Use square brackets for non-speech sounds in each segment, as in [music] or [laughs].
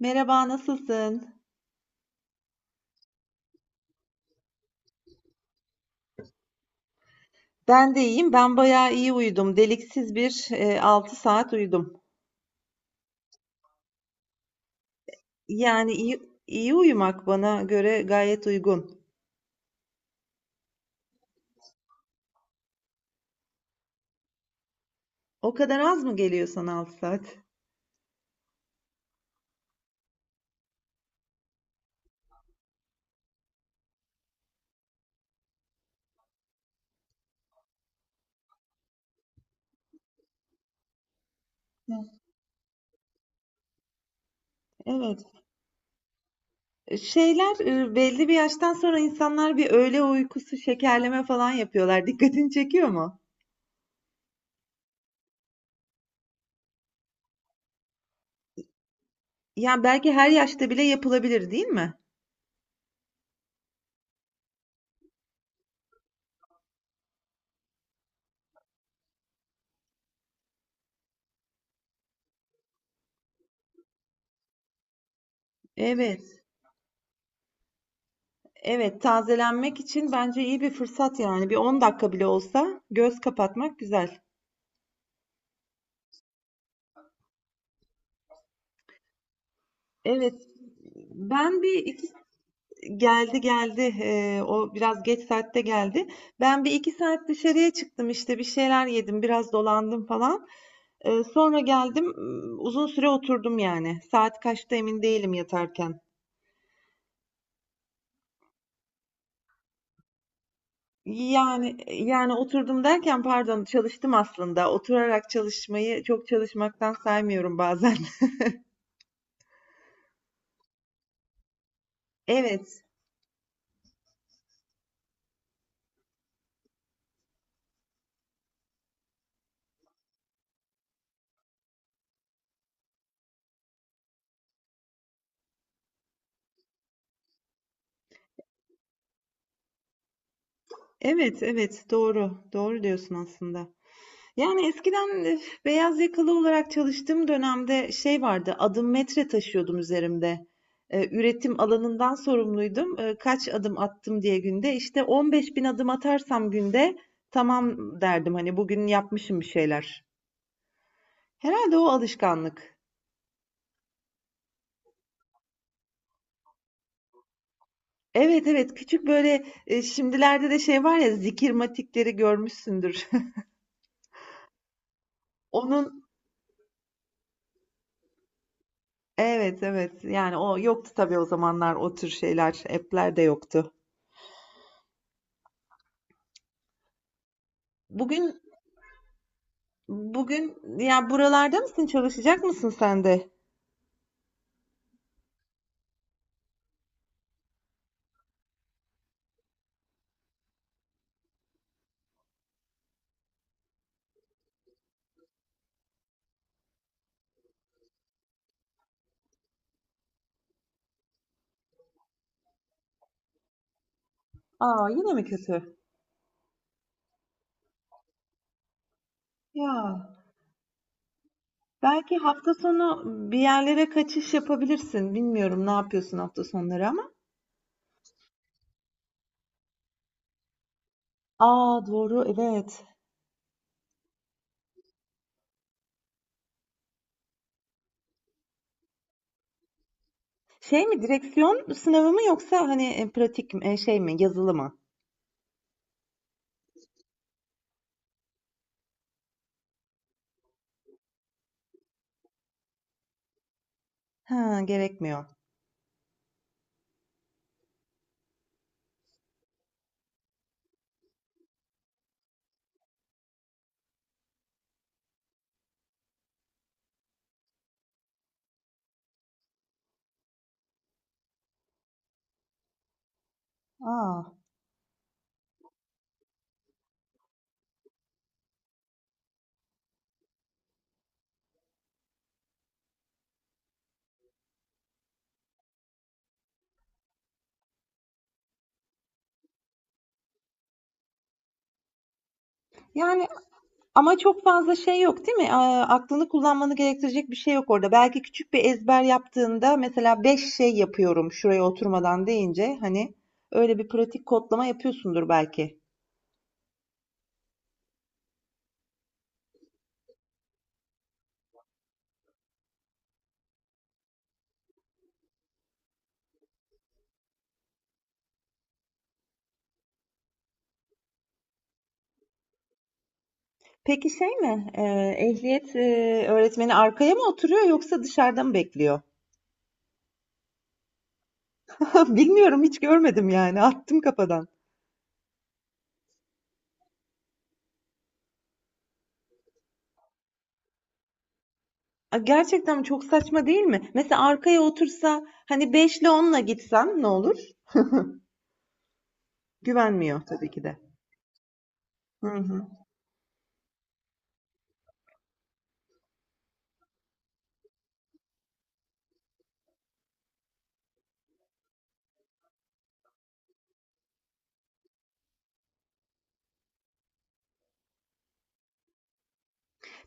Merhaba, nasılsın? Ben de iyiyim. Ben bayağı iyi uyudum. Deliksiz bir 6 saat uyudum. Yani iyi uyumak bana göre gayet uygun. O kadar az mı geliyor sana 6 saat? Evet. Şeyler, belli bir yaştan sonra insanlar bir öğle uykusu şekerleme falan yapıyorlar. Dikkatini çekiyor mu? Yani belki her yaşta bile yapılabilir, değil mi? Evet. Evet, tazelenmek için bence iyi bir fırsat yani. Bir 10 dakika bile olsa göz kapatmak güzel. Evet, ben bir iki geldi. O biraz geç saatte geldi. Ben bir iki saat dışarıya çıktım işte bir şeyler yedim biraz dolandım falan. Sonra geldim uzun süre oturdum yani saat kaçta emin değilim yatarken. Yani oturdum derken pardon çalıştım aslında oturarak çalışmayı çok çalışmaktan saymıyorum bazen. [laughs] Evet evet, doğru doğru diyorsun aslında. Yani eskiden, beyaz yakalı olarak çalıştığım dönemde şey vardı, adım metre taşıyordum üzerimde. E, üretim alanından sorumluydum. E, kaç adım attım diye günde. İşte 15 bin adım atarsam günde tamam derdim hani bugün yapmışım bir şeyler. Herhalde o alışkanlık. Evet evet, küçük böyle şimdilerde de şey var ya, zikirmatikleri görmüşsündür. [laughs] Onun evet evet, yani o yoktu tabii o zamanlar, o tür şeyler app'ler de yoktu. Bugün Bugün ya buralarda mısın? Çalışacak mısın sen de? Aa, yine mi kötü? Ya belki hafta sonu bir yerlere kaçış yapabilirsin. Bilmiyorum ne yapıyorsun hafta sonları ama. Aa doğru, evet. Şey mi, direksiyon sınavı mı, yoksa hani pratik mi, şey mi, yazılı mı? Ha, gerekmiyor. Aa, yani ama çok fazla şey yok değil mi? Aklını kullanmanı gerektirecek bir şey yok orada. Belki küçük bir ezber yaptığında, mesela 5 şey yapıyorum şuraya oturmadan deyince, hani öyle bir pratik kodlama yapıyorsundur belki. Peki şey mi? Ehliyet öğretmeni arkaya mı oturuyor yoksa dışarıda mı bekliyor? [laughs] Bilmiyorum, hiç görmedim, yani attım kafadan. A, gerçekten çok saçma değil mi? Mesela arkaya otursa hani 5 ile 10'la gitsen ne olur? Güvenmiyor tabii ki de. Hı hı.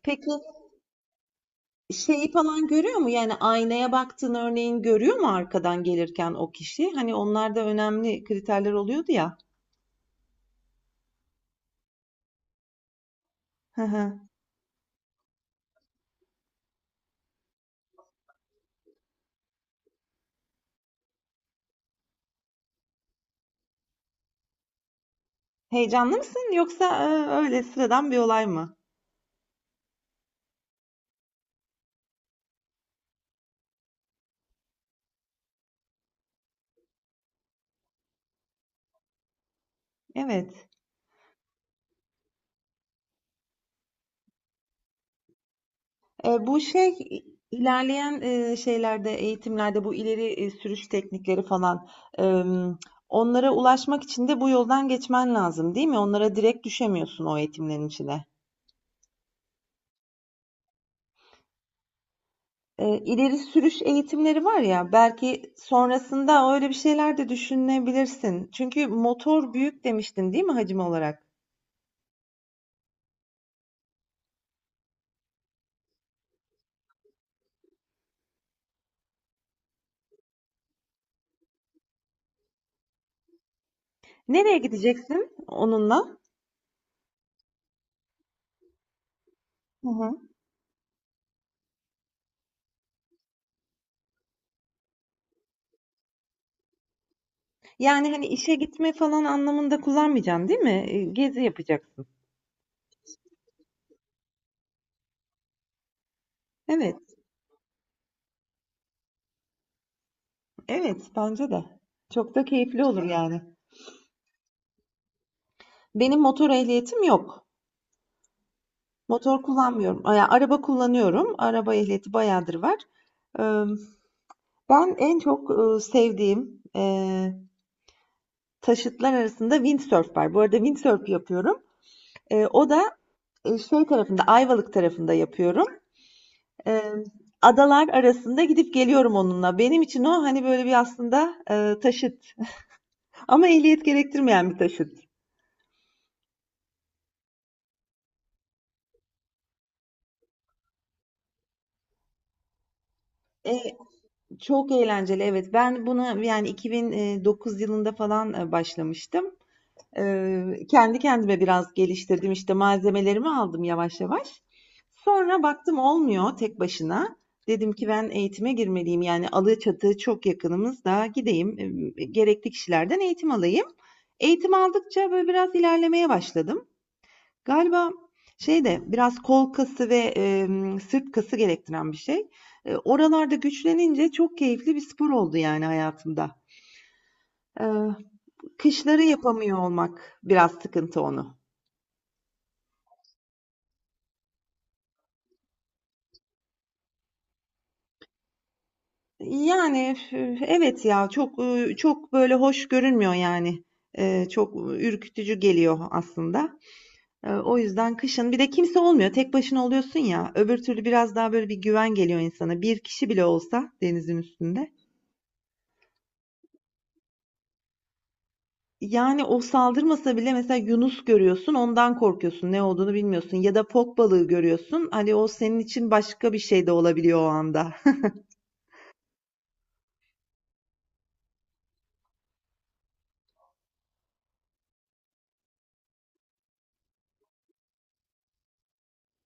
Peki şeyi falan görüyor mu? Yani aynaya baktığın örneğin, görüyor mu arkadan gelirken o kişi? Hani onlar da önemli kriterler oluyordu ya. Hı hı. Heyecanlı mısın yoksa öyle sıradan bir olay mı? Evet. Bu şey, ilerleyen şeylerde, eğitimlerde, bu ileri sürüş teknikleri falan, e, onlara ulaşmak için de bu yoldan geçmen lazım, değil mi? Onlara direkt düşemiyorsun o eğitimlerin içine. İleri sürüş eğitimleri var ya, belki sonrasında öyle bir şeyler de düşünebilirsin. Çünkü motor büyük demiştin, değil mi, hacim olarak? Nereye gideceksin onunla? Hı hı. Yani hani işe gitme falan anlamında kullanmayacaksın, değil mi? Gezi yapacaksın. Evet, evet bence de. Çok da keyifli olur yani. Benim motor ehliyetim yok. Motor kullanmıyorum. Yani araba kullanıyorum. Araba ehliyeti bayağıdır var. Eee, Ben en çok sevdiğim taşıtlar arasında windsurf var. Bu arada windsurf yapıyorum. O da şey tarafında, Ayvalık tarafında yapıyorum. Eee, Adalar arasında gidip geliyorum onunla. Benim için o hani böyle bir aslında taşıt. [laughs] Ama ehliyet gerektirmeyen bir taşıt. Eee, Çok eğlenceli, evet. Ben bunu yani 2009 yılında falan başlamıştım. Kendi kendime biraz geliştirdim. İşte malzemelerimi aldım yavaş yavaş. Sonra baktım olmuyor tek başına. Dedim ki ben eğitime girmeliyim. Yani Alaçatı çok yakınımızda, gideyim. Gerekli kişilerden eğitim alayım. Eğitim aldıkça böyle biraz ilerlemeye başladım. Galiba şey de biraz kol kası ve sırt kası gerektiren bir şey. E, oralarda güçlenince çok keyifli bir spor oldu yani hayatımda. E, kışları yapamıyor olmak biraz sıkıntı onu. Yani, üf, evet ya, çok, çok böyle hoş görünmüyor yani. Çok ürkütücü geliyor aslında. O yüzden kışın bir de kimse olmuyor, tek başına oluyorsun ya, öbür türlü biraz daha böyle bir güven geliyor insana, bir kişi bile olsa denizin üstünde. Yani, o saldırmasa bile mesela yunus görüyorsun, ondan korkuyorsun, ne olduğunu bilmiyorsun, ya da fok balığı görüyorsun, hani, o senin için başka bir şey de olabiliyor o anda. [laughs]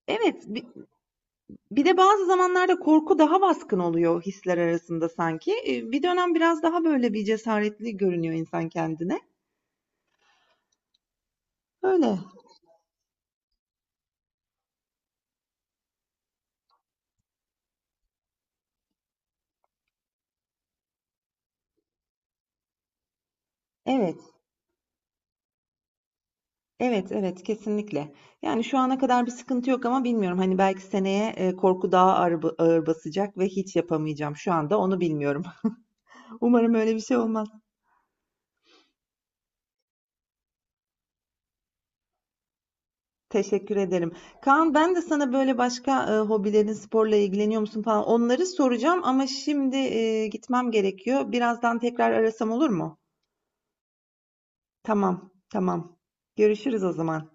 Evet, bir de bazı zamanlarda korku daha baskın oluyor hisler arasında sanki. Bir dönem biraz daha böyle bir cesaretli görünüyor insan kendine. Öyle. Evet. Evet, evet kesinlikle. Yani şu ana kadar bir sıkıntı yok ama bilmiyorum. Hani belki seneye, korku daha ağır basacak ve hiç yapamayacağım. Şu anda onu bilmiyorum. [laughs] Umarım öyle bir şey olmaz. Teşekkür ederim. Kaan, ben de sana böyle başka hobilerin, sporla ilgileniyor musun falan, onları soracağım ama şimdi gitmem gerekiyor. Birazdan tekrar arasam olur mu? Tamam, tamam. Görüşürüz o zaman.